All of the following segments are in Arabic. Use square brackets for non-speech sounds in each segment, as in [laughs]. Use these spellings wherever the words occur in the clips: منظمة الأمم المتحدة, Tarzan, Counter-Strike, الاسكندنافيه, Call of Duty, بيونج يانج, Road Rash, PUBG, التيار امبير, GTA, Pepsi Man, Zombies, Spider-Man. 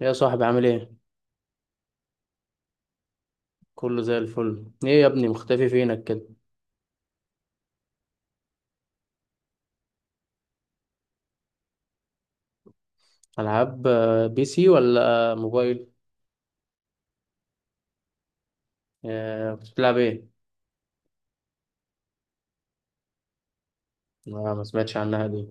يا صاحبي، عامل ايه؟ كله زي الفل. ايه يا ابني، مختفي فينك كده؟ العاب؟ بي سي ولا موبايل؟ كنت بتلعب ايه؟ ما سمعتش عنها دي.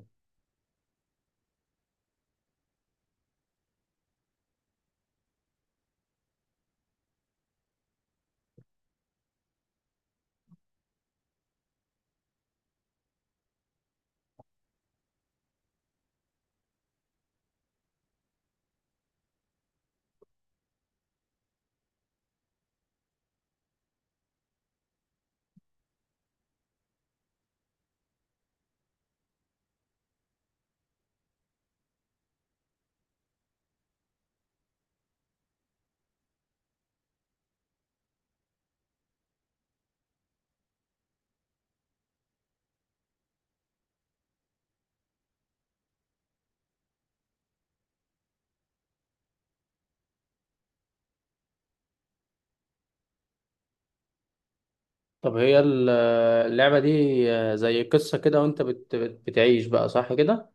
طب هي اللعبة دي زي قصة كده، وانت بتعيش بقى، صح كده؟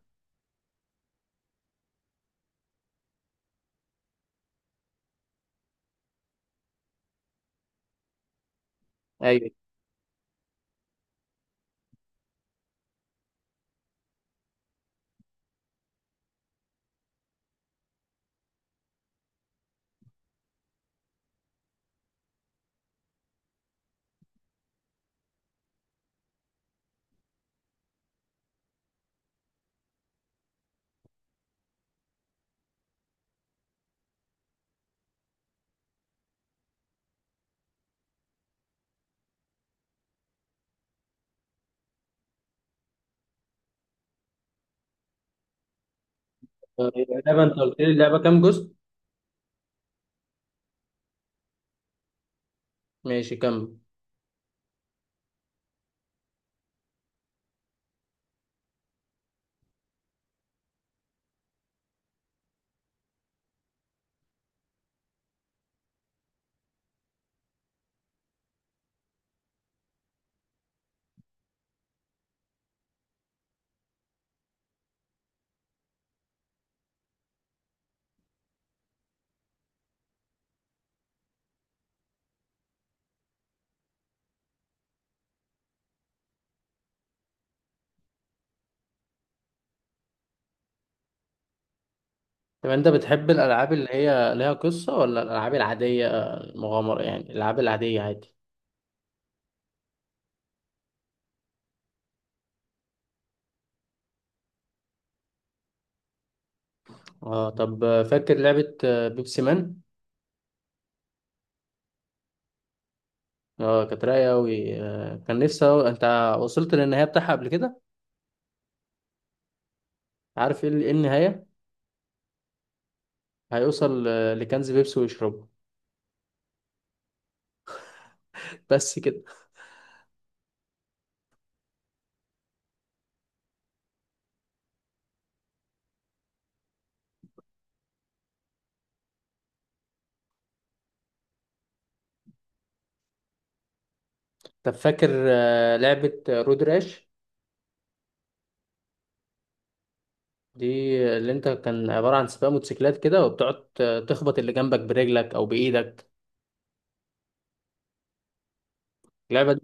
ايوه. اللعبة، انت قلت لي اللعبة كام جزء؟ ماشي، كمل. طب انت بتحب الالعاب اللي هي ليها قصة ولا الالعاب العادية؟ مغامرة يعني، الالعاب العادية عادي. اه. طب فاكر لعبة بيبسي مان؟ اه، كانت رايقه قوي، آه كان نفسي أوي. انت وصلت للنهايه بتاعها قبل كده؟ عارف ايه إيه النهايه؟ هيوصل لكنز بيبسي ويشربه. [laughs] بس كده. طب فاكر آه لعبه رود راش؟ دي اللي كان عباره عن سباق موتوسيكلات كده، وبتقعد تخبط اللي جنبك برجلك او بايدك. اللعبه دي.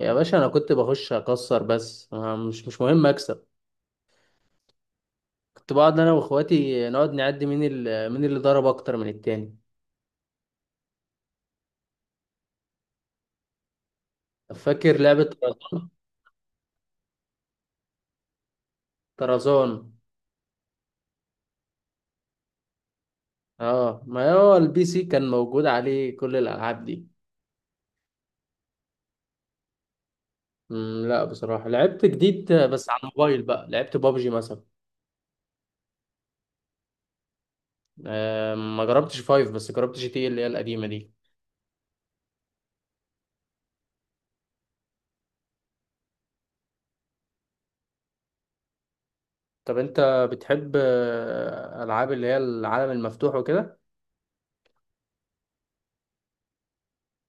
يا باشا انا كنت بخش اكسر بس، آه، مش مهم اكسب. كنت بقعد انا واخواتي، نقعد نعد مين مين اللي ضرب اكتر من التاني. طب فاكر لعبه طرزان؟ طرزان. اه، ما هو البي سي كان موجود عليه كل الالعاب دي. لا بصراحه، لعبت جديد بس على الموبايل. بقى لعبت بابجي مثلا. آه، ما جربتش فايف، بس جربت جي تي إيه اللي هي القديمه دي. طب انت بتحب العاب اللي هي العالم المفتوح وكده؟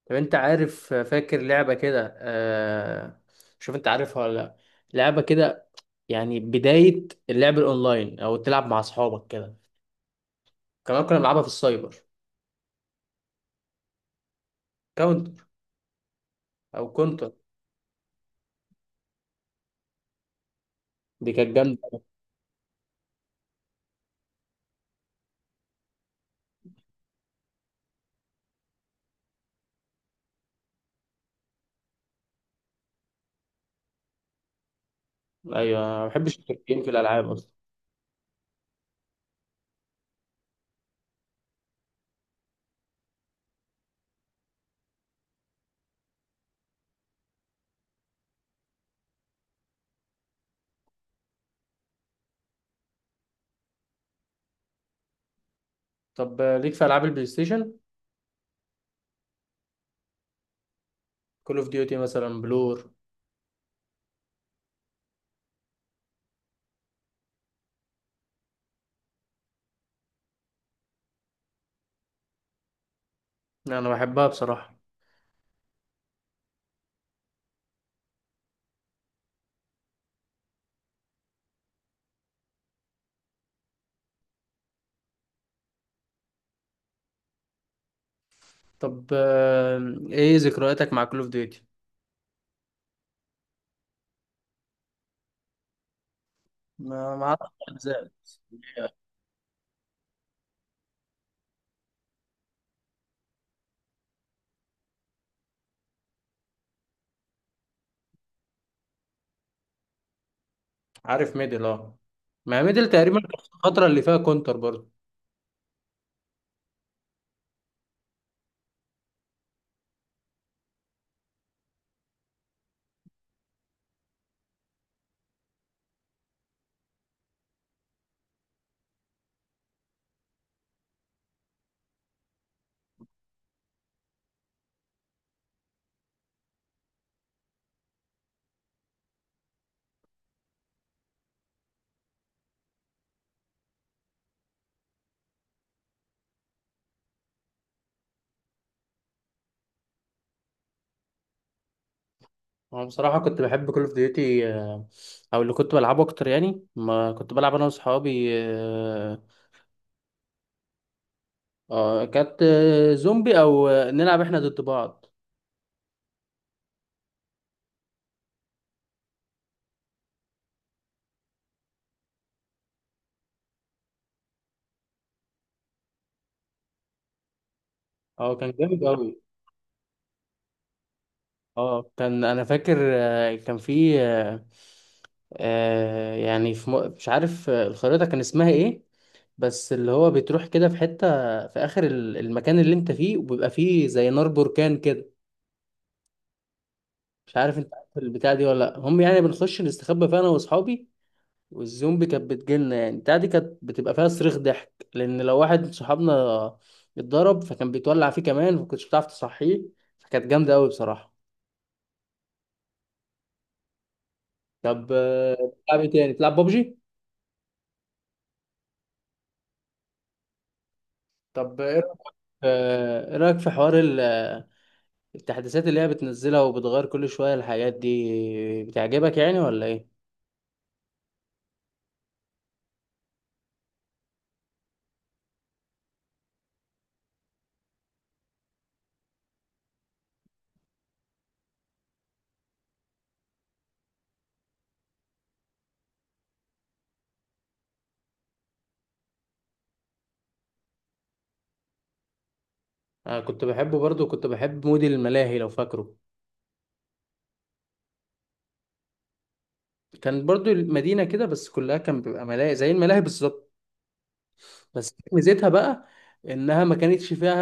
طب انت عارف فاكر لعبه كده، آه، شوف انت عارفها ولا لا. لعبه كده يعني بدايه اللعب الاونلاين، او تلعب مع اصحابك كده. كمان كنا بنلعبها في السايبر. كاونتر، او كونتر. دي كانت جامده. ايوه، أنا ما بحبش التركيين في الالعاب اصلا. طب ليك في العاب البلاي ستيشن؟ كول اوف ديوتي مثلا، بلور. انا بحبها بصراحه. طب ايه ذكرياتك مع كول اوف ديوتي؟ ما اعرفش أجزاء. عارف ميدل، اه، ما ميدل تقريبا كانت الفتره اللي فيها كونتر برضه. انا بصراحه كنت بحب كول اوف ديوتي، او اللي كنت بلعبه اكتر يعني. ما كنت بلعب انا واصحابي، كانت زومبي، او نلعب احنا ضد بعض. اه كان جامد قوي. اه كان، انا فاكر، كان في يعني في مش عارف الخريطة كان اسمها ايه، بس اللي هو بتروح كده في حتة في اخر المكان اللي انت فيه، وبيبقى فيه زي نار بركان كده. مش عارف انت عارف البتاع دي ولا لا. هم يعني، بنخش نستخبى فيها انا واصحابي، والزومبي كانت بتجيلنا. يعني البتاع دي كانت بتبقى فيها صريخ ضحك، لان لو واحد من صحابنا اتضرب فكان بيتولع فيه كمان، فكنتش بتعرف تصحيه. فكانت جامدة قوي بصراحة. طب بتلعب ايه تاني؟ بتلعب بابجي؟ طب ايه رأيك إيه رأيك في حوار التحديثات اللي هي بتنزلها وبتغير كل شوية؟ الحاجات دي بتعجبك يعني ولا ايه؟ انا كنت بحبه برضو، كنت بحب مود الملاهي لو فاكره. كان برضو المدينة كده، بس كلها كان بيبقى ملاهي زي الملاهي بالظبط. بس ميزتها بقى انها ما كانتش فيها،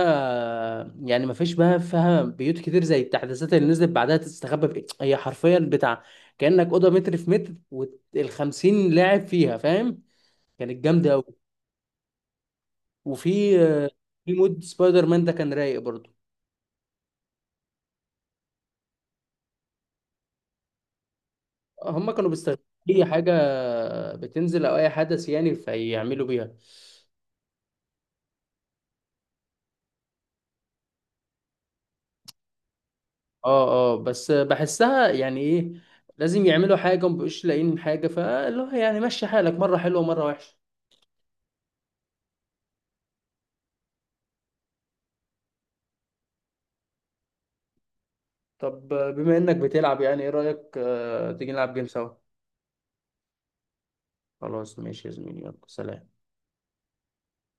يعني ما فيش بقى فيها بيوت كتير زي التحديثات اللي نزلت بعدها تستخبى في إيه؟ هي حرفيا بتاع كأنك أوضة متر في متر، والخمسين لاعب فيها، فاهم؟ كانت جامدة أوي. وفي في مود سبايدر مان ده، كان رايق برضو. هم كانوا بيستخدموا اي حاجه بتنزل او اي حدث يعني، فيعملوا بيها. اه اه، بس بحسها يعني ايه، لازم يعملوا حاجه ومبقوش لاقيين حاجه، فاللي هو يعني مشي حالك، مره حلوه ومره وحشه. طب بما انك بتلعب، يعني ايه رايك تيجي نلعب جيم سوا؟ خلاص ماشي يا زميلي، يلا سلام.